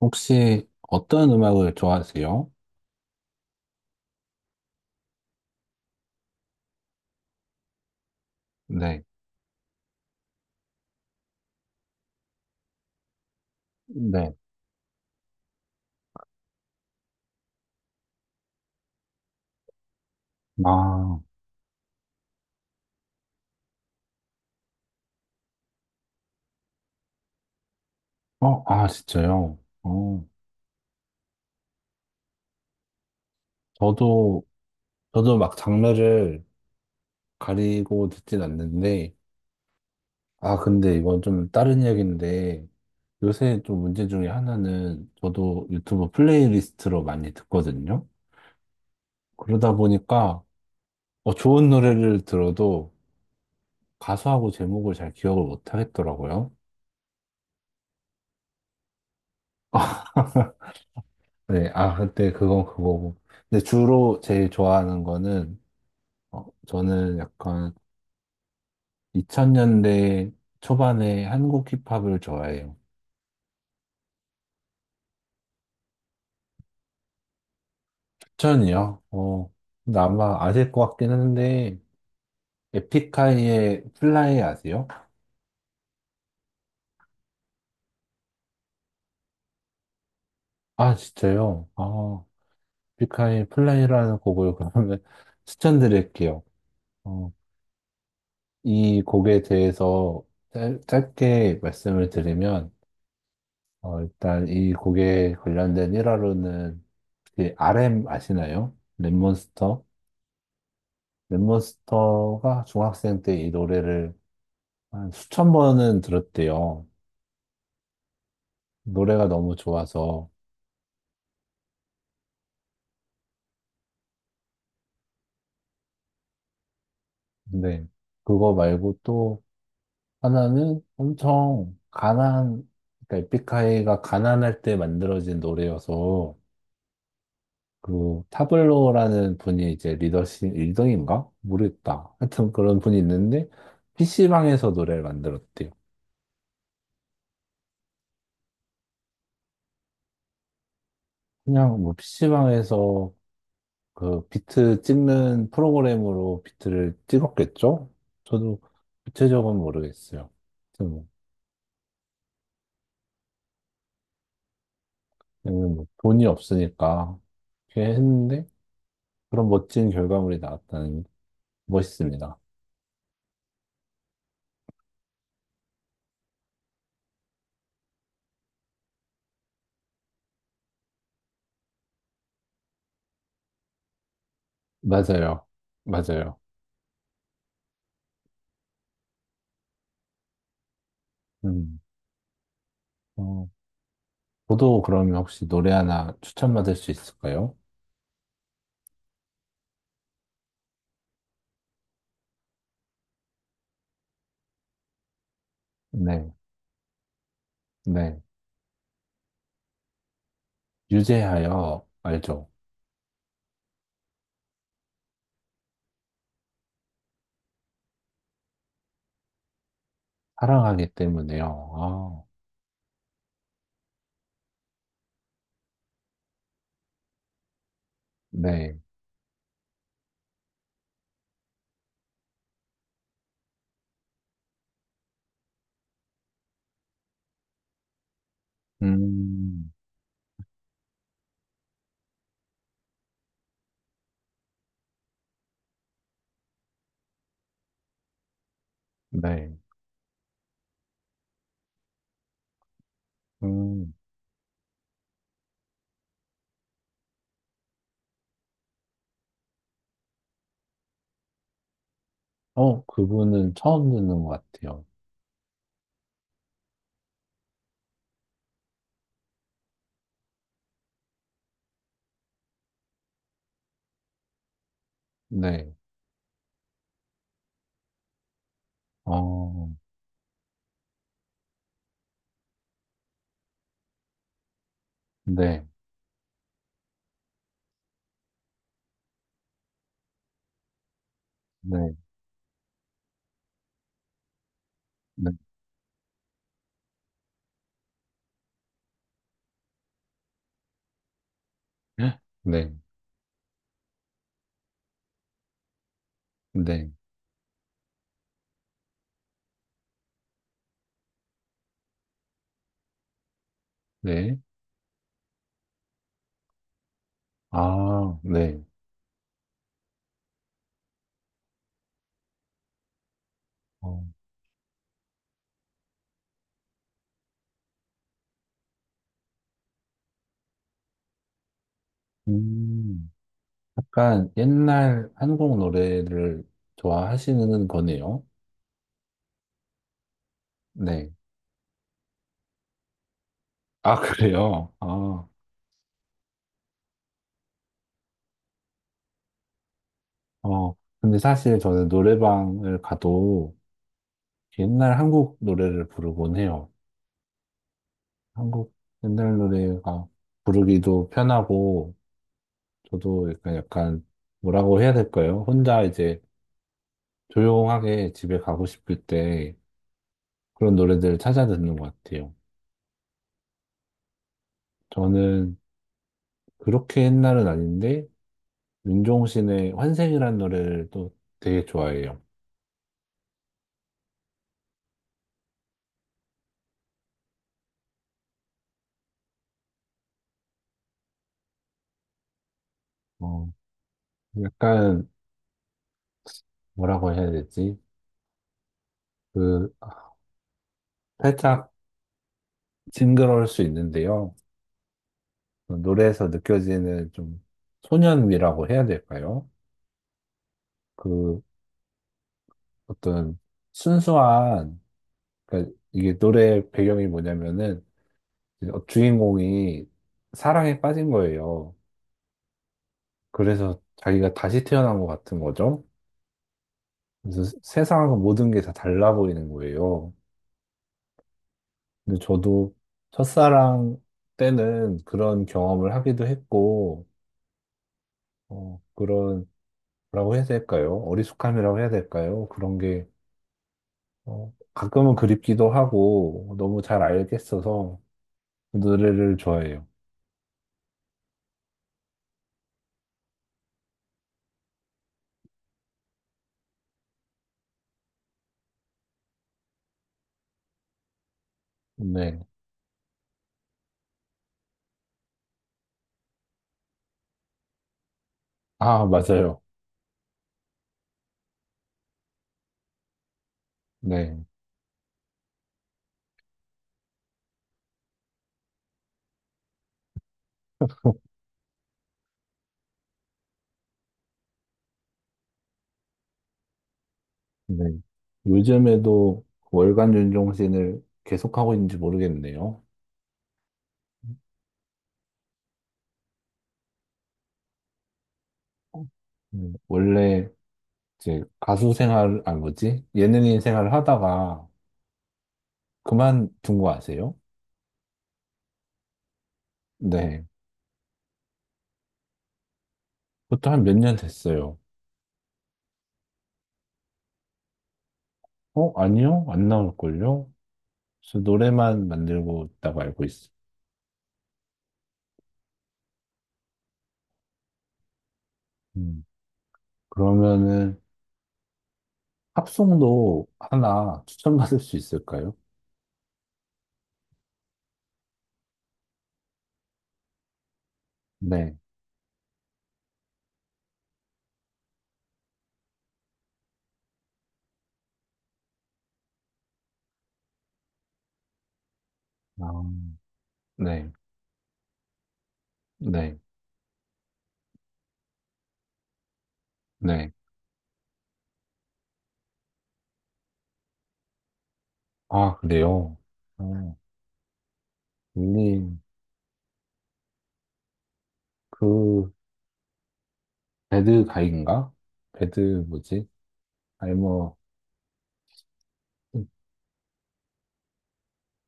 혹시 어떤 음악을 좋아하세요? 네, 네. 아, 아, 진짜요? 어, 저도, 저도 막 장르를 가리고 듣진 않는데, 아, 근데 이건 좀 다른 이야기인데, 요새 좀 문제 중에 하나는 저도 유튜브 플레이리스트로 많이 듣거든요? 그러다 보니까, 좋은 노래를 들어도 가수하고 제목을 잘 기억을 못 하겠더라고요. 네, 아, 근데 그건 그거고. 근데 주로 제일 좋아하는 거는 저는 약간 2000년대 초반에 한국 힙합을 좋아해요. 추천이요? 어, 근데 아마 아실 것 같긴 한데, 에픽하이의 플라이 아세요? 아, 진짜요? 아, 에픽하이의 플라이라는 곡을 그러면 추천드릴게요. 어, 이 곡에 대해서 짧게 말씀을 드리면, 일단 이 곡에 관련된 일화로는 RM 아시나요? 랩몬스터? 랩몬스터가 중학생 때 이 노래를 한 수천 번은 들었대요. 노래가 너무 좋아서. 근데 그거 말고 또 하나는 엄청 그러니까 에픽하이가 가난할 때 만들어진 노래여서 그 타블로라는 분이 이제 리더십 1등인가? 모르겠다. 하여튼 그런 분이 있는데 PC방에서 노래를 만들었대요. 그냥 뭐 PC방에서 그 비트 찍는 프로그램으로 비트를 찍었겠죠? 저도 구체적은 모르겠어요. 아무튼 뭐, 그냥 뭐 돈이 없으니까 그렇게 했는데 그런 멋진 결과물이 나왔다는 게 멋있습니다. 맞아요. 맞아요. 음. 어, 저도 그러면 혹시 노래 하나 추천받을 수 있을까요? 네. 네. 유재하여 알죠? 사랑하기 때문에요. 아, 네. 음, 네. 음. 어, 그분은 처음 듣는 것 같아요. 네. 어, 네. 네. 네. 네. 네. 네. 아, 네. 어, 음, 약간 옛날 한국 노래를 좋아하시는 거네요. 네. 아, 그래요? 아, 어, 근데 사실 저는 노래방을 가도 옛날 한국 노래를 부르곤 해요. 한국 옛날 노래가 부르기도 편하고, 저도 약간, 뭐라고 해야 될까요? 혼자 이제 조용하게 집에 가고 싶을 때 그런 노래들을 찾아 듣는 것 같아요. 저는 그렇게 옛날은 아닌데, 윤종신의 환생이라는 노래를 또 되게 좋아해요. 어, 약간, 뭐라고 해야 되지? 그, 살짝 징그러울 수 있는데요. 그 노래에서 느껴지는 좀 소년미라고 해야 될까요? 그, 어떤 순수한, 그러니까 이게 노래 배경이 뭐냐면은, 어, 주인공이 사랑에 빠진 거예요. 그래서 자기가 다시 태어난 것 같은 거죠. 그래서 세상하고 모든 게 다 달라 보이는 거예요. 근데 저도 첫사랑 때는 그런 경험을 하기도 했고, 어, 그런, 뭐라고 해야 될까요? 어리숙함이라고 해야 될까요? 그런 게, 어, 가끔은 그립기도 하고, 너무 잘 알겠어서 그 노래를 좋아해요. 네. 아, 맞아요. 네. 네. 요즘에도 그 월간 윤종신을 계속하고 있는지 모르겠네요. 원래 이제 가수 생활, 아, 뭐지? 예능인 생활을 하다가 그만둔 거 아세요? 네. 그것도 한 몇 년 됐어요. 어? 아니요? 안 나올걸요? 그래서 노래만 만들고 있다고 알고 있어요. 음, 그러면은 팝송도 하나 추천받을 수 있을까요? 네. 아, 네. 네. 네. 아, 그래요? 어, 그 배드 가인가? 배드 뭐지? 아니 뭐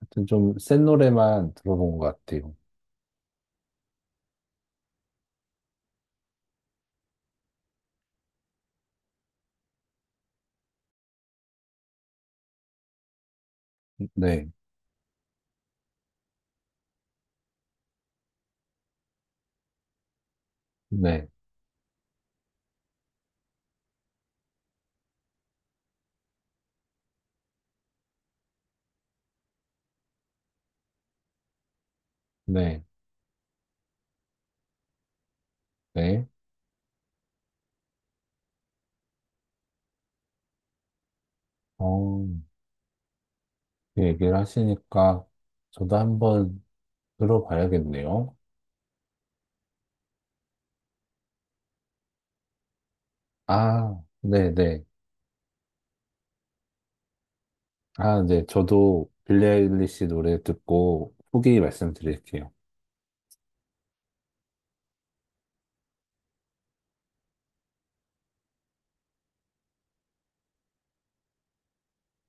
하여튼 좀 센 노래만 들어본 것 같아요. 네, 네, 네, 네. 어, 그 얘기를 하시니까 저도 한번 들어봐야겠네요. 아, 네, 네. 아, 네. 저도 빌리 아일리시 노래 듣고 후기 말씀드릴게요.